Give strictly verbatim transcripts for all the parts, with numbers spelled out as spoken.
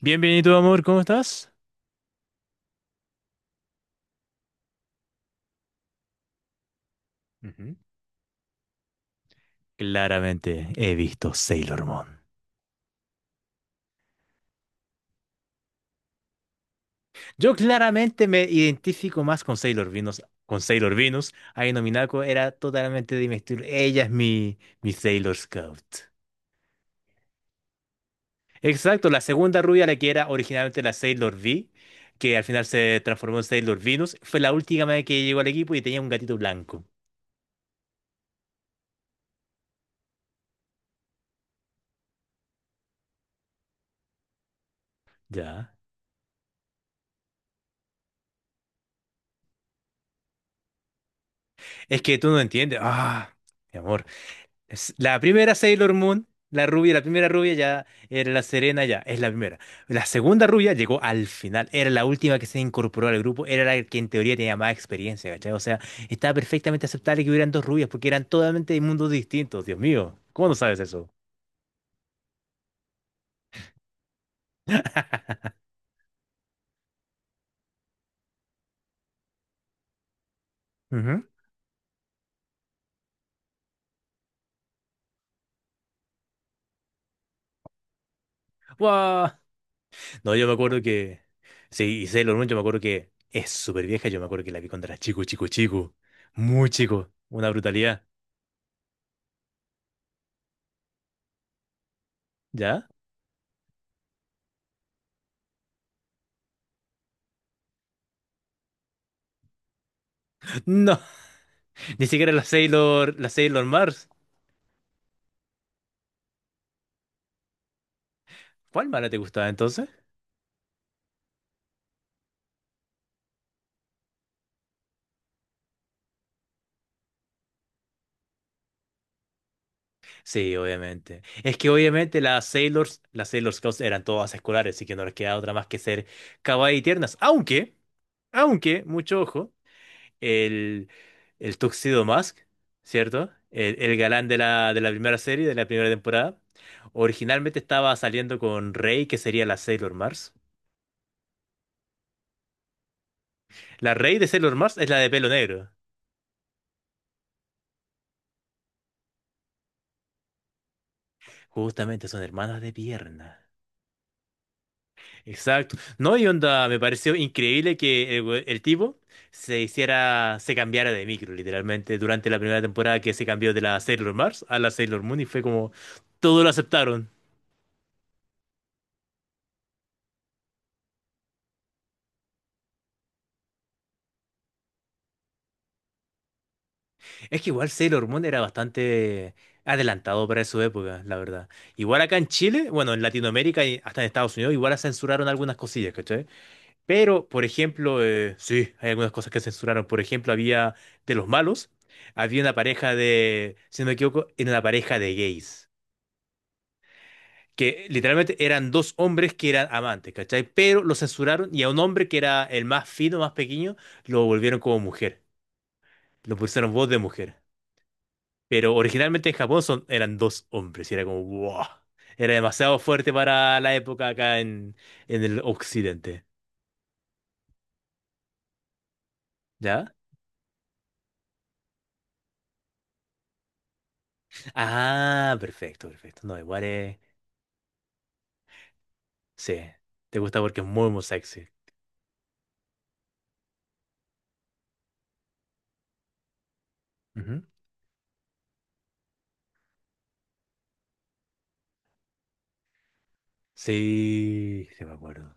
Bienvenido amor. ¿Cómo estás? Ujú. Claramente he visto Sailor Moon. Yo claramente me identifico más con Sailor Venus. Con Sailor Venus, Aino Minako era totalmente de mi estilo. Ella es mi, mi Sailor Scout. Exacto, la segunda rubia, la que era originalmente la Sailor V, que al final se transformó en Sailor Venus, fue la última vez que llegó al equipo y tenía un gatito blanco. Ya. Es que tú no entiendes. Ah, mi amor. Es la primera Sailor Moon, la rubia, la primera rubia ya era la Serena, ya es la primera. La segunda rubia llegó al final, era la última que se incorporó al grupo, era la que en teoría tenía más experiencia, ¿cachai? O sea, estaba perfectamente aceptable que hubieran dos rubias porque eran totalmente de mundos distintos, Dios mío. ¿Cómo no sabes eso? Ujú. Guau. No, yo me acuerdo que... Sí, y Sailor Moon, yo me acuerdo que es súper vieja, yo me acuerdo que la vi cuando era chico, chico, chico. Muy chico, una brutalidad. ¿Ya? No, ni siquiera la Sailor, la Sailor Mars. ¿Cuál mala te gustaba entonces? Sí, obviamente. Es que obviamente las Sailors, las Sailor Scouts eran todas escolares, así que no les queda otra más que ser kawaii y tiernas. Aunque, aunque, mucho ojo, el, el Tuxedo Mask, ¿cierto? El, el galán de la, de la primera serie, de la primera temporada, originalmente estaba saliendo con Rey, que sería la Sailor Mars. La Rey de Sailor Mars es la de pelo negro. Justamente son hermanas de pierna. Exacto. No, y onda, me pareció increíble que el, we- el tipo se hiciera, se cambiara de micro, literalmente, durante la primera temporada que se cambió de la Sailor Mars a la Sailor Moon y fue como, todo lo aceptaron. Es que igual Sailor Moon era bastante adelantado para su época, la verdad. Igual acá en Chile, bueno, en Latinoamérica y hasta en Estados Unidos, igual censuraron algunas cosillas, ¿cachai? Pero, por ejemplo, eh, sí, hay algunas cosas que censuraron. Por ejemplo, había de los malos, había una pareja de, si no me equivoco, era una pareja de gays, que literalmente eran dos hombres que eran amantes, ¿cachai? Pero lo censuraron y a un hombre que era el más fino, más pequeño, lo volvieron como mujer. Lo pusieron voz de mujer. Pero originalmente en Japón son, eran dos hombres y era como, wow. Era demasiado fuerte para la época acá en, en el occidente. ¿Ya? Ah, perfecto, perfecto. No, igual es. Sí, te gusta porque es muy, muy sexy. Ujú. Sí, sí me acuerdo.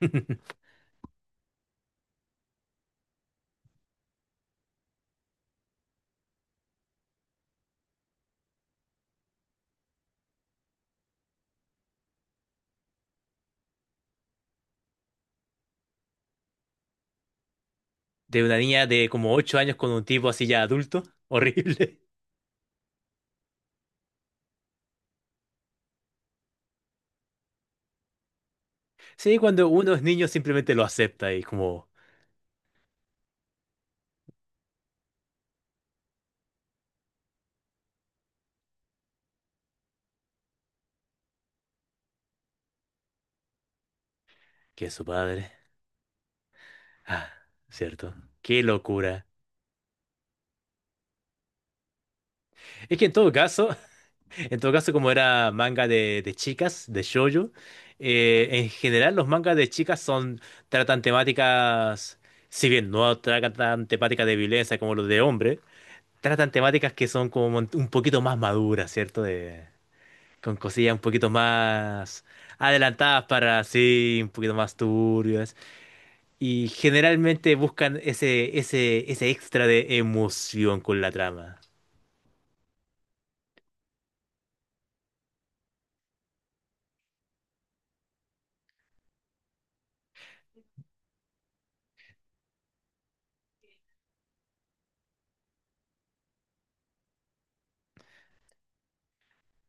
De una niña de como ocho años con un tipo así ya adulto. Horrible. Sí, cuando uno es niño simplemente lo acepta y como que es su padre. Ah, cierto. Qué locura. Es que en todo caso, en todo caso como era manga de, de chicas, de shoujo, eh, en general los mangas de chicas son, tratan temáticas, si bien no tratan temáticas de violencia como los de hombre, tratan temáticas que son como un un poquito más maduras, ¿cierto? De, con cosillas un poquito más adelantadas para sí, un poquito más turbias. Y generalmente buscan ese, ese, ese extra de emoción con la trama.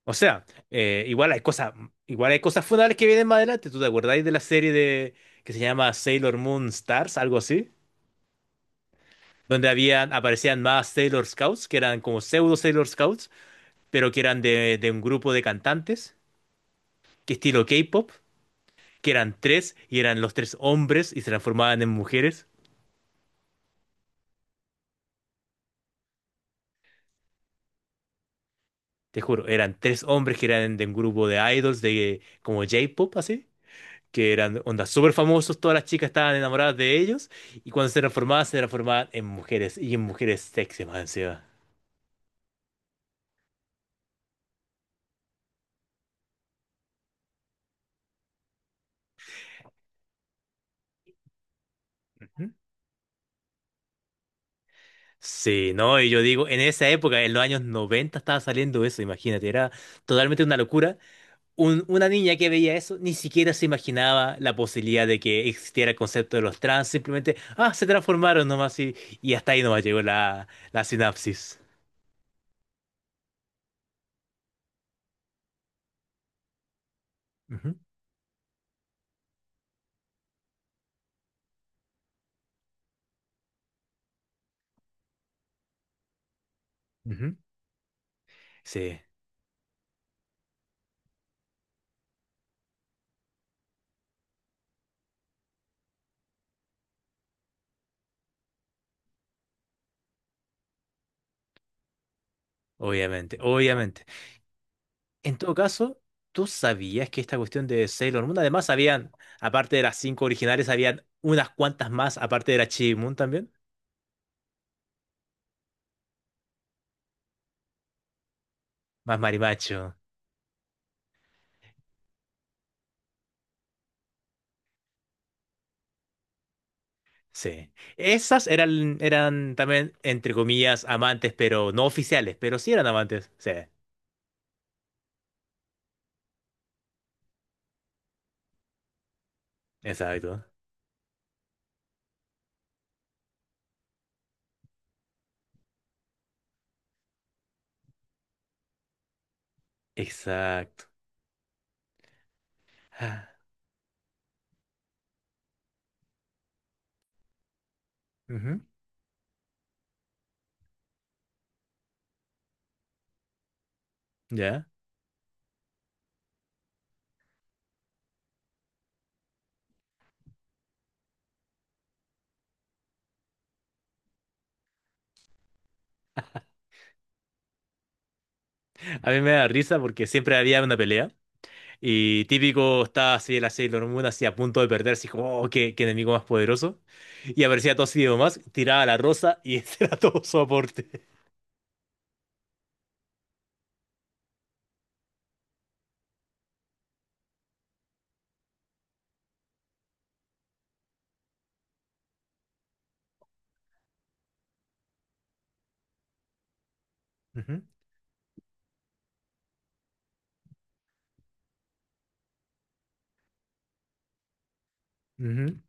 O sea, eh, igual hay cosas, igual hay cosas fundables que vienen más adelante. ¿Tú te acordáis de la serie de que se llama Sailor Moon Stars, algo así? Donde habían, aparecían más Sailor Scouts, que eran como pseudo Sailor Scouts, pero que eran de, de un grupo de cantantes que estilo K-pop, que eran tres y eran los tres hombres y se transformaban en mujeres. Te juro, eran tres hombres que eran de un grupo de idols de como J-pop, así, que eran ondas súper famosos, todas las chicas estaban enamoradas de ellos y cuando se transformaban, se transformaban en mujeres y en mujeres sexy más encima. Ujú. Sí, no, y yo digo, en esa época, en los años noventa estaba saliendo eso, imagínate, era totalmente una locura un- una niña que veía eso ni siquiera se imaginaba la posibilidad de que existiera el concepto de los trans, simplemente, ah, se transformaron nomás y, y hasta ahí nomás llegó la, la sinapsis. Ujú, ujú. Sí, obviamente, obviamente. En todo caso, ¿tú sabías que esta cuestión de Sailor Moon, además habían, aparte de las cinco originales, habían unas cuantas más, aparte de la Chi Moon también? Más Marimacho. Sí. Esas eran, eran también, entre comillas, amantes, pero no oficiales, pero sí eran amantes. Sí. Exacto, exacto. Ah, ujú. Ya. A mí me da risa porque siempre había una pelea y típico estaba así el Sailor Moon así a punto de perder, así como, oh, qué, qué enemigo más poderoso. Y aparecía Toshio más, tiraba la rosa y ese era todo su aporte. Ujú, ujú.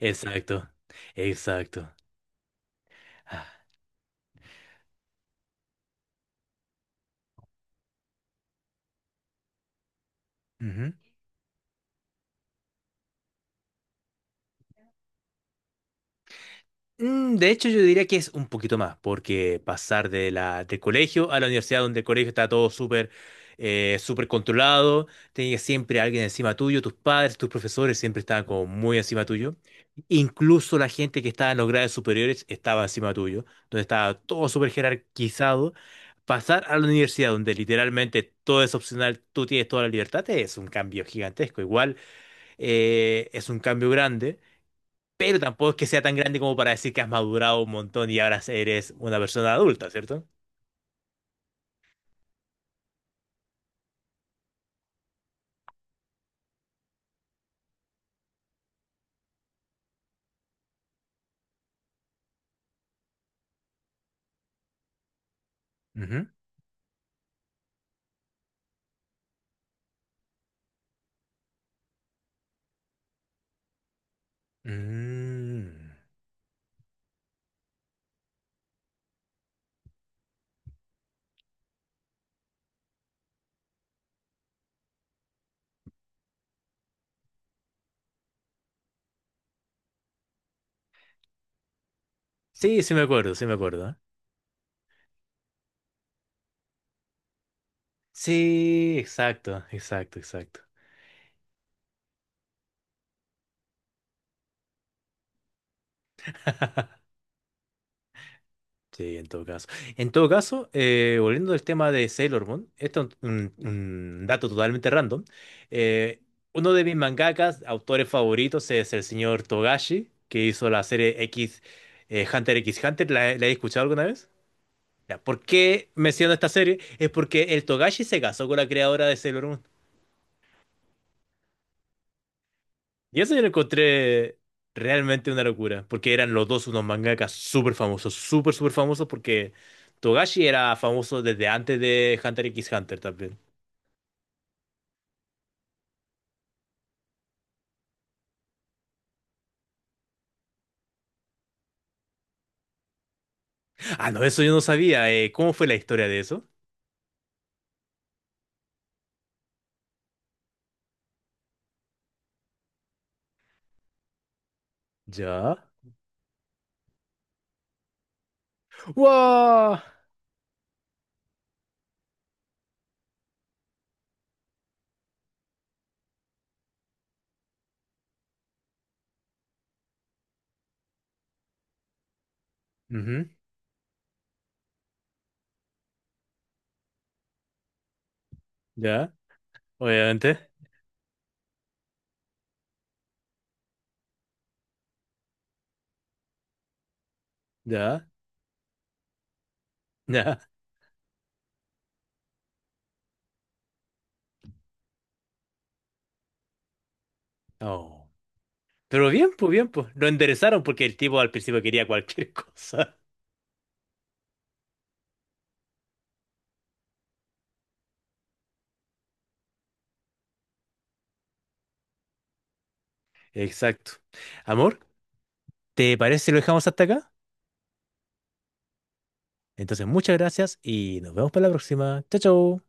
Exacto, exacto. Ah, ujú. Mm, de hecho, yo diría que es un poquito más, porque pasar de la, del colegio a la universidad, donde el colegio está todo súper eh, súper controlado, tenías siempre alguien encima tuyo, tus padres, tus profesores siempre estaban como muy encima tuyo. Incluso la gente que estaba en los grados superiores estaba encima tuyo, donde estaba todo súper jerarquizado. Pasar a la universidad, donde literalmente todo es opcional, tú tienes toda la libertad, es un cambio gigantesco. Igual eh, es un cambio grande pero tampoco es que sea tan grande como para decir que has madurado un montón y ahora eres una persona adulta, ¿cierto? Ujú. Mm. Sí, sí me acuerdo, sí me acuerdo. Sí, exacto, exacto, exacto. Sí, en todo caso. En todo caso, eh, volviendo al tema de Sailor Moon, esto es un, un dato totalmente random. eh, Uno de mis mangakas, autores favoritos, es el señor Togashi, que hizo la serie X, eh, Hunter X Hunter. ¿La, la he escuchado alguna vez? Ya, ¿por qué menciono esta serie? Es porque el Togashi se casó con la creadora de Sailor Moon. Y eso yo lo encontré realmente una locura, porque eran los dos unos mangakas súper famosos, súper, súper famosos, porque Togashi era famoso desde antes de Hunter x Hunter también. Ah, no, eso yo no sabía. Eh, ¿cómo fue la historia de eso? Ya. ¡Wow! Ujú, ya, obviamente. Ya, ya. Oh. Pero bien, pues bien, pues. Lo enderezaron porque el tipo al principio quería cualquier cosa. Exacto. Amor, ¿te parece si lo dejamos hasta acá? Entonces, muchas gracias y nos vemos para la próxima. Chao, chao.